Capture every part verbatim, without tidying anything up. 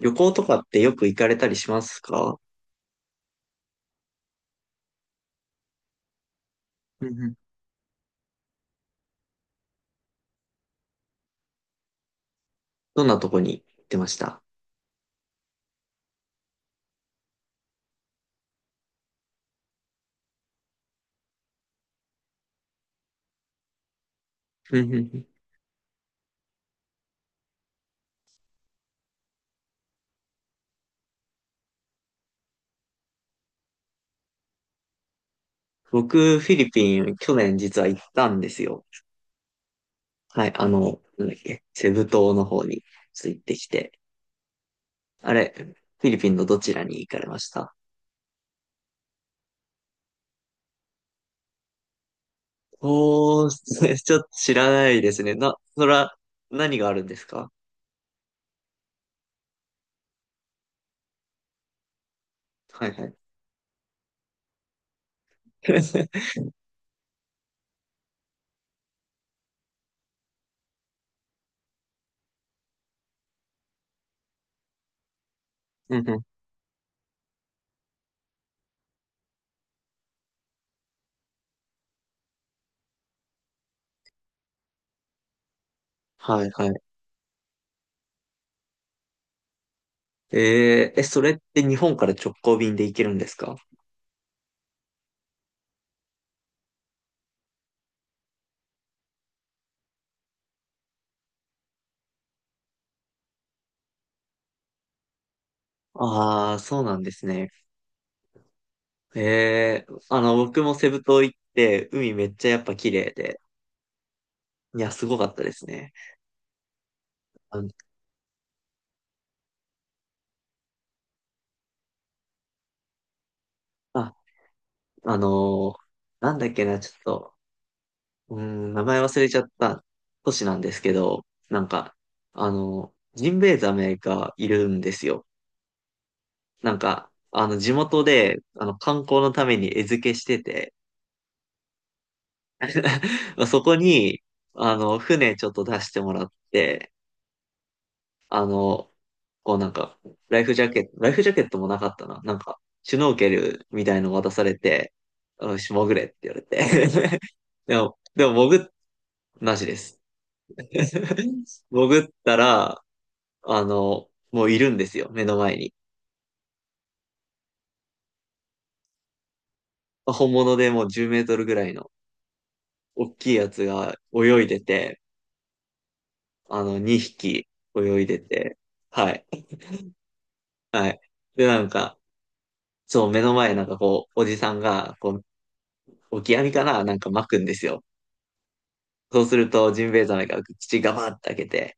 旅行とかってよく行かれたりしますか？うんうん。どんなとこに行ってました？うんうんうん。僕、フィリピン、去年実は行ったんですよ。はい、あの、なんだっけ、セブ島の方にちょっと行ってきて。あれ、フィリピンのどちらに行かれました？おー、ちょっと知らないですね。な、そら、何があるんですか？はいはい。うんうん。はいはい。えー、え、それって日本から直行便で行けるんですか？ああー、そうなんですね。ええあの、僕もセブ島行って、海めっちゃやっぱ綺麗で、いや、すごかったですね。あ、あ、あのーなんだっけな、ちょっと、うーん、名前忘れちゃった都市なんですけど、なんか、あの、ジンベエザメがいるんですよ。なんか、あの、地元で、あの、観光のために餌付けしてて、そこに、あの、船ちょっと出してもらって、あの、こうなんか、ライフジャケット、ライフジャケットもなかったな。なんか、シュノーケルみたいの渡されて、よし、潜れって言われて。でも、でも潜っ、なしです。潜ったら、あの、もういるんですよ、目の前に。本物でもうじゅうメートルぐらいの大きいやつが泳いでて、あの、にひき泳いでて、はい、はい。で、なんか、そう、目の前なんかこう、おじさんが、こう、オキアミかななんか巻くんですよ。そうすると、ジンベエザメが口ガバッて開けて、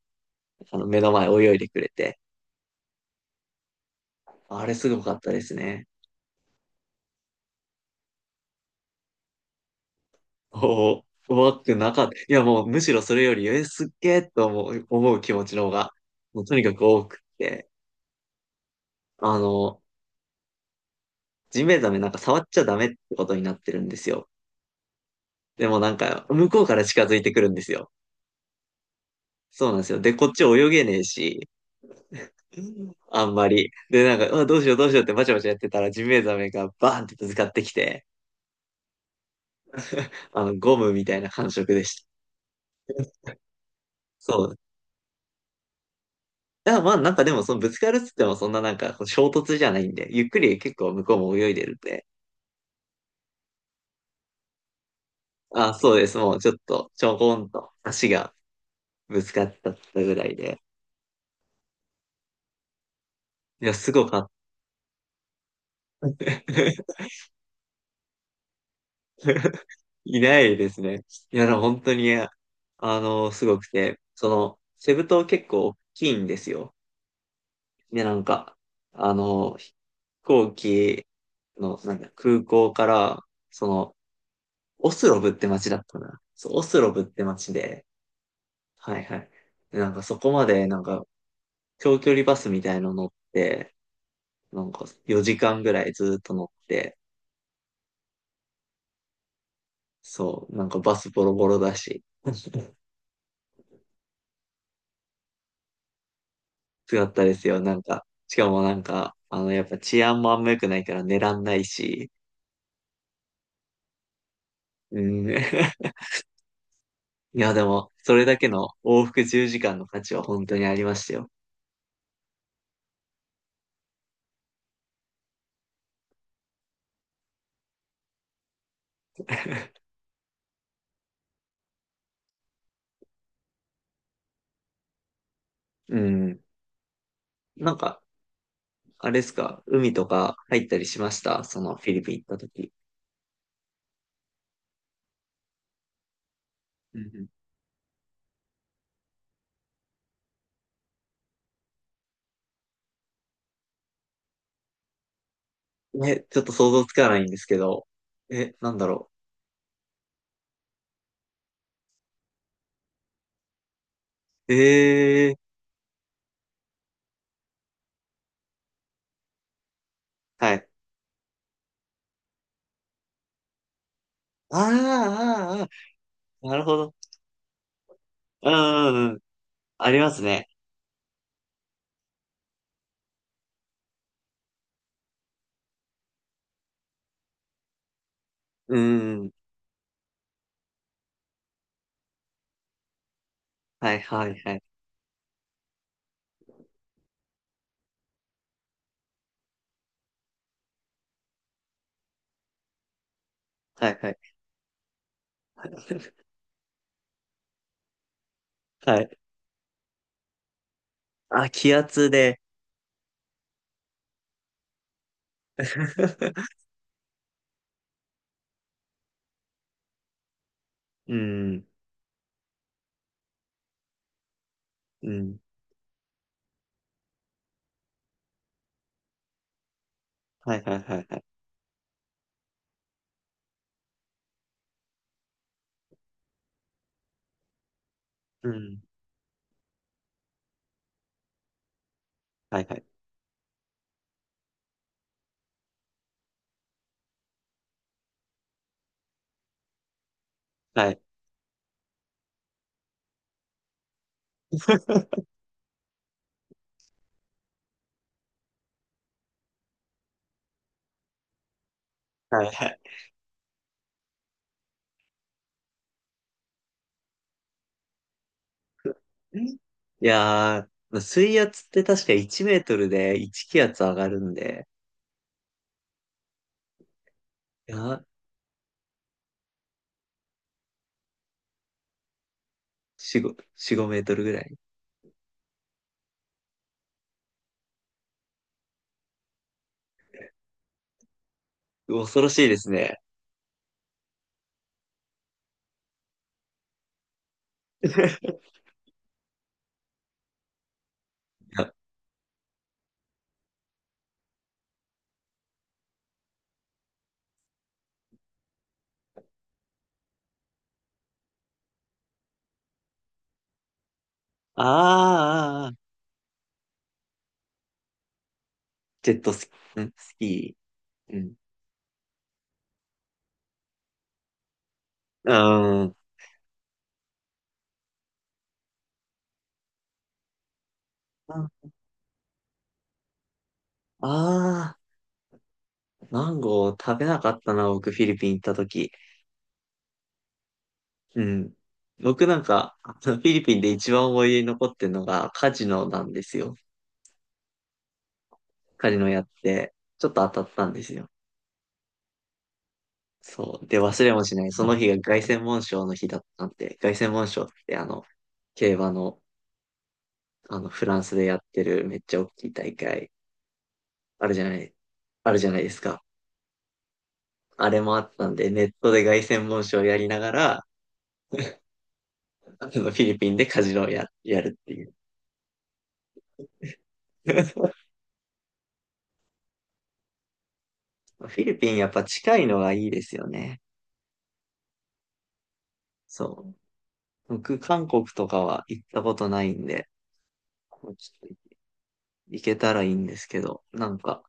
あの、目の前泳いでくれて、あれすごかったですね。おお、怖くなかった。いや、もうむしろそれより、え、すっげえと思う、思う気持ちの方が、もうとにかく多くって、あの、ジンベエザメなんか触っちゃダメってことになってるんですよ。でもなんか、向こうから近づいてくるんですよ。そうなんですよ。で、こっち泳げねえし、あんまり。で、なんか、あ、どうしようどうしようってバチャバチャやってたら、ジンベエザメがバーンってぶつかってきて、あの、ゴムみたいな感触でした。そう。だからまあなんかでもそのぶつかるっつってもそんななんかこう衝突じゃないんで、ゆっくり結構向こうも泳いでるんで、あ、そうです。もうちょっとちょこんと足がぶつかっちゃったぐらいで。いや、すごかった。いないですね。いや、でも本当に、あの、すごくて、その、セブ島結構大きいんですよ。で、なんか、あの、飛行機の、なんか空港から、その、オスロブって街だったかな。そう、オスロブって街で、はいはい。なんかそこまで、なんか、長距離バスみたいの乗って、なんかよじかんぐらいずっと乗って、そう、なんかバスボロボロだし、つかったですよ。なんか、しかもなんか、あの、やっぱ治安もあんま良くないから寝らんないし、うん。いや、でも、それだけの往復じゅうじかんの価値は本当にありましたよ。うん。なんか、あれですか、海とか入ったりしました？そのフィリピン行った時。うんね、ちょっと想像つかないんですけど。え、なんだろう。ええー、はい。あーあー、あーなるほど。うんうんうん。ありますね。うんうん。はいはいはい。はいはい。はい。あ、気圧で。うん。うん。はいはいはいはい。うん。はいはい。はい。はいはい。いやー、水圧って確かいちメートルでいち気圧上がるんで、いやー、よん、ご、よん、ごメートルぐらい。恐ろしいですね。あーあー、ジェットスキー、んスキー。うん。うん。ああー、マンゴー食べなかったな、僕、フィリピン行った時。うん。僕なんか、あのフィリピンで一番思い出に残ってるのがカジノなんですよ。カジノやって、ちょっと当たったんですよ。そう。で、忘れもしない。その日が凱旋門賞の日だったんで、凱旋門賞ってあの、競馬の、あの、フランスでやってるめっちゃ大きい大会、あるじゃない、あるじゃないですか。あれもあったんで、ネットで凱旋門賞をやりながら、あのフィリピンでカジノをや、やるっていう。フィリピンやっぱ近いのがいいですよね。そう。僕、韓国とかは行ったことないんで、ちょっと行けたらいいんですけど、なんか、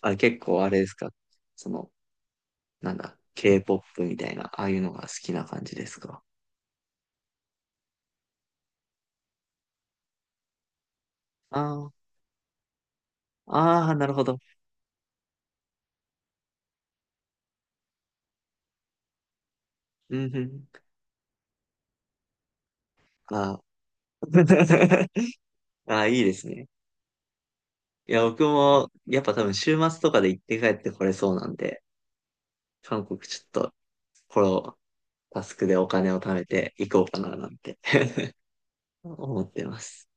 あれ結構あれですか？その、なんだ、K-ケーポップ みたいな、ああいうのが好きな感じですか？ああ、ああ、なるほど。うんうん。ああ。ああ、いいですね。いや、僕も、やっぱ多分週末とかで行って帰ってこれそうなんで、韓国ちょっと、このタスクでお金を貯めて行こうかななんて 思ってます。